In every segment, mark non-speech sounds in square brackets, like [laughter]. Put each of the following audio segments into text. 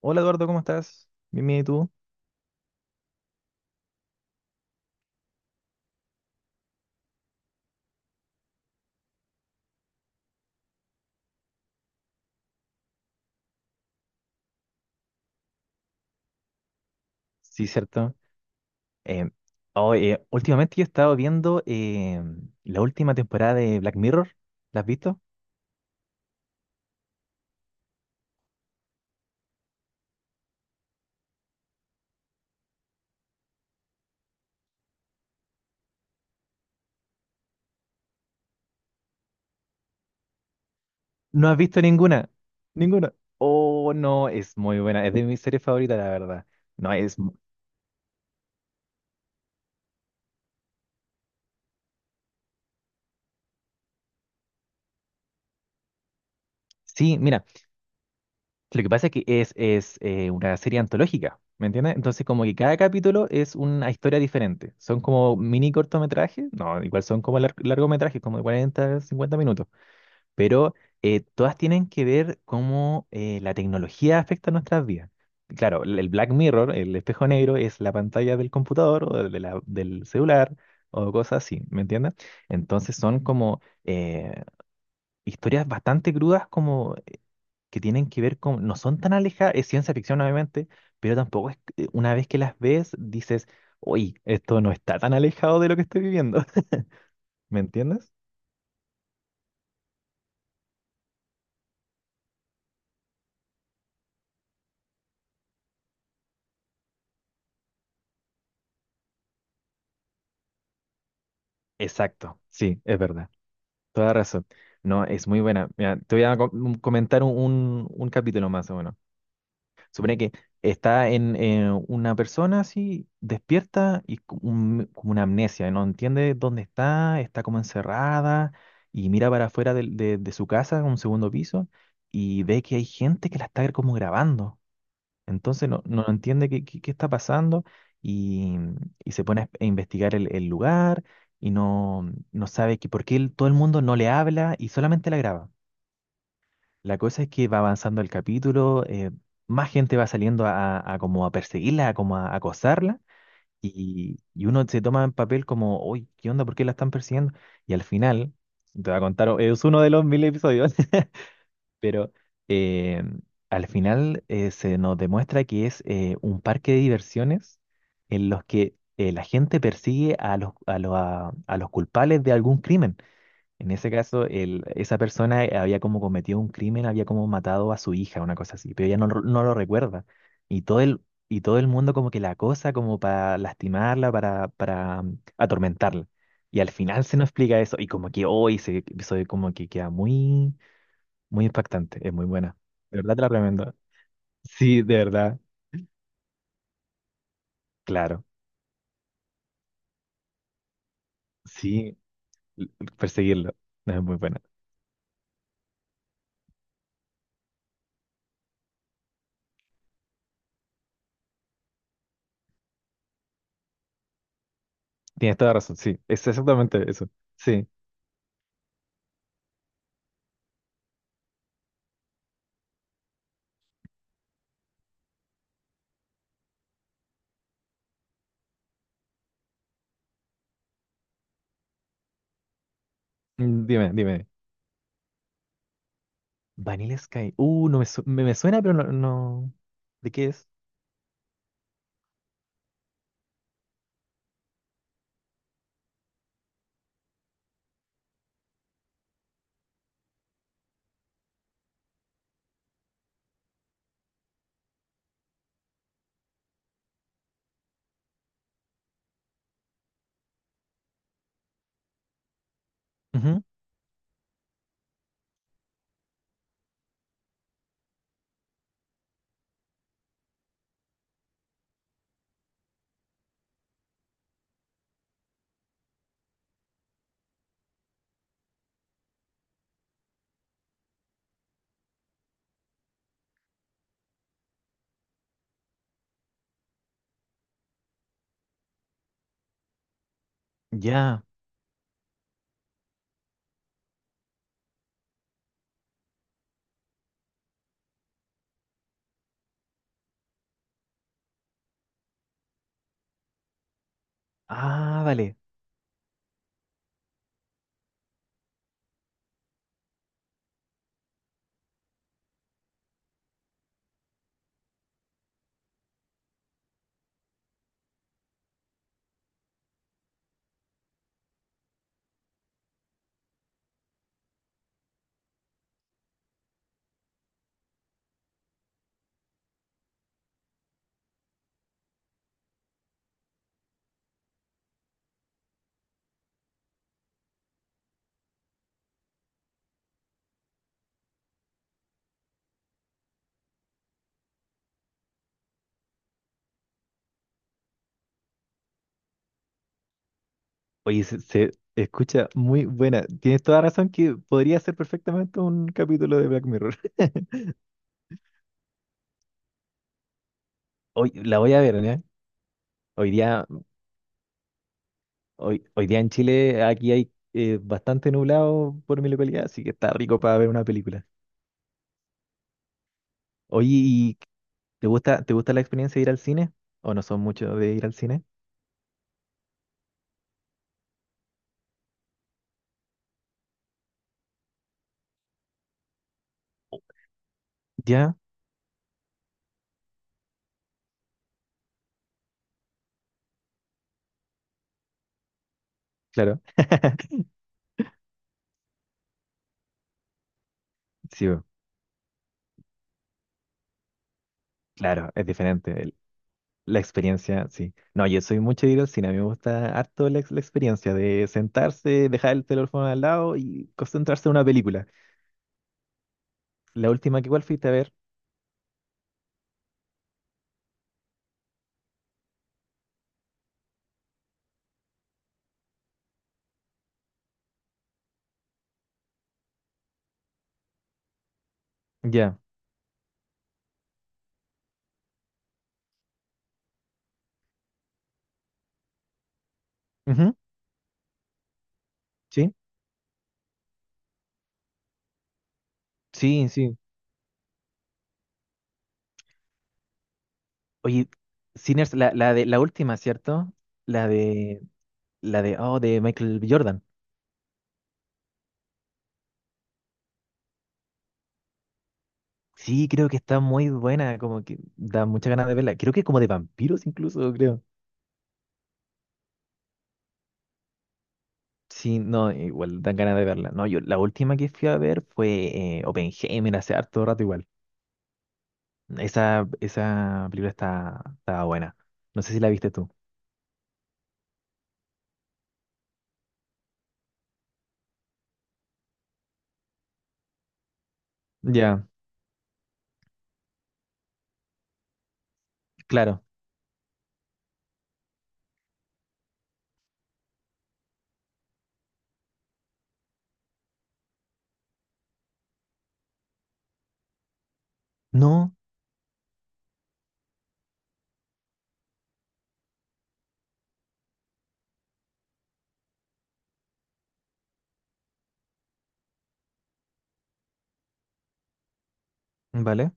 Hola Eduardo, ¿cómo estás? Bien, ¿y tú? Sí, cierto. Em, oh, últimamente yo he estado viendo la última temporada de Black Mirror. ¿La has visto? No has visto ninguna. Ninguna. Oh, no, es muy buena. Es de mis series favoritas, la verdad. No, Sí, mira, lo que pasa es que es una serie antológica, ¿me entiendes? Entonces como que cada capítulo es una historia diferente. Son como mini cortometrajes. No, igual son como largometrajes, como de 40, 50 minutos. Pero todas tienen que ver cómo la tecnología afecta nuestras vidas. Claro, el Black Mirror, el espejo negro, es la pantalla del computador o de del celular o cosas así, ¿me entiendes? Entonces son como historias bastante crudas como que tienen que ver con, no son tan alejadas, es ciencia ficción obviamente, pero tampoco es, una vez que las ves dices, uy, esto no está tan alejado de lo que estoy viviendo, [laughs] ¿me entiendes? Exacto, sí, es verdad. Toda razón. No, es muy buena. Mira, te voy a comentar un capítulo más o menos. Supone que está en una persona así, despierta y como una amnesia, no entiende dónde está, está como encerrada y mira para afuera de su casa, en un segundo piso, y ve que hay gente que la está como grabando. Entonces no, no entiende qué está pasando y, y se pone a investigar el lugar y no, no sabe que por qué todo el mundo no le habla y solamente la graba. La cosa es que va avanzando el capítulo, más gente va saliendo a como a perseguirla, a como a acosarla y uno se toma en papel como, uy, ¿qué onda? ¿Por qué la están persiguiendo? Y al final, te voy a contar, es uno de los mil episodios. [laughs] Pero eh, al final se nos demuestra que es un parque de diversiones en los que la gente persigue a los culpables de algún crimen. En ese caso, esa persona había como cometido un crimen, había como matado a su hija, una cosa así, pero ella no, no lo recuerda. Y todo el, y todo el mundo como que la acosa como para lastimarla, para, para atormentarla. Y al final se nos explica eso, y como que hoy se, como que queda muy, muy impactante, es muy buena. De verdad te la recomiendo. Sí, de verdad, claro. Sí, l- perseguirlo. No es muy buena. Tienes toda la razón, sí. Es exactamente eso. Sí. Dime, dime. Vanilla Sky. No me, su- me suena, pero no, no. ¿De qué es? Ujú. Ya. Ah, vale. Oye, se escucha muy buena. Tienes toda razón que podría ser perfectamente un capítulo de Black Mirror. [laughs] Hoy la voy a ver, ¿eh? Hoy día hoy día en Chile, aquí hay bastante nublado por mi localidad, así que está rico para ver una película. Oye, ¿y te gusta la experiencia de ir al cine? ¿O no son muchos de ir al cine? Ya, claro. [laughs] Sí, claro, es diferente. La experiencia, sí. No, yo soy mucho de ir al cine. A mí me gusta harto la experiencia de sentarse, dejar el teléfono al lado y concentrarse en una película. La última que igual fuiste a ver. Ya. Ujú. Sí, sí, sí. Oye, Sinners, la de la última, ¿cierto? La de la de Michael B. Jordan. Sí, creo que está muy buena, como que da muchas ganas de verla. Creo que como de vampiros incluso, creo. Sí, no, igual dan ganas de verla. No, yo la última que fui a ver fue Oppenheimer hace harto rato igual. Esa película está buena. No sé si la viste tú. Ya, claro. No, vale.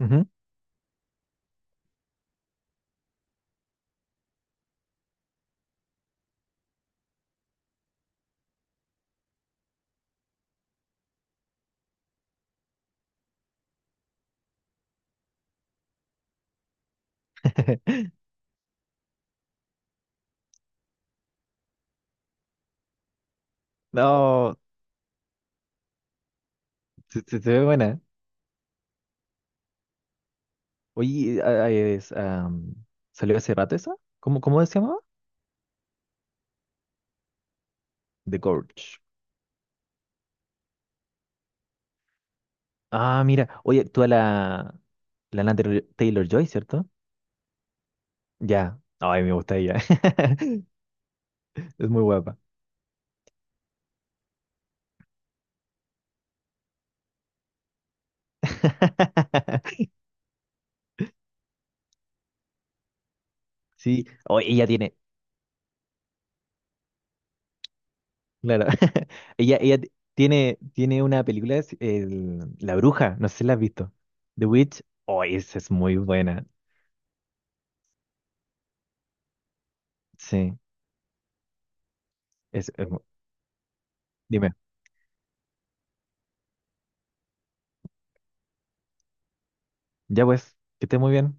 Ujú. [laughs] No, se, se ve buena. Oye, ¿salió hace rato esa? ¿Cómo, cómo se llamaba? The Gorge. Ah, mira. Oye, la Lana Taylor Joy, ¿cierto? Ya. Ay, me gusta ella. [laughs] Es muy guapa. [laughs] Sí. Claro. [laughs] Ella, tiene una película, es La Bruja. No sé si la has visto. The Witch. Oh, esa es muy buena. Sí. Es, es mu- dime. Ya pues, que estés muy bien.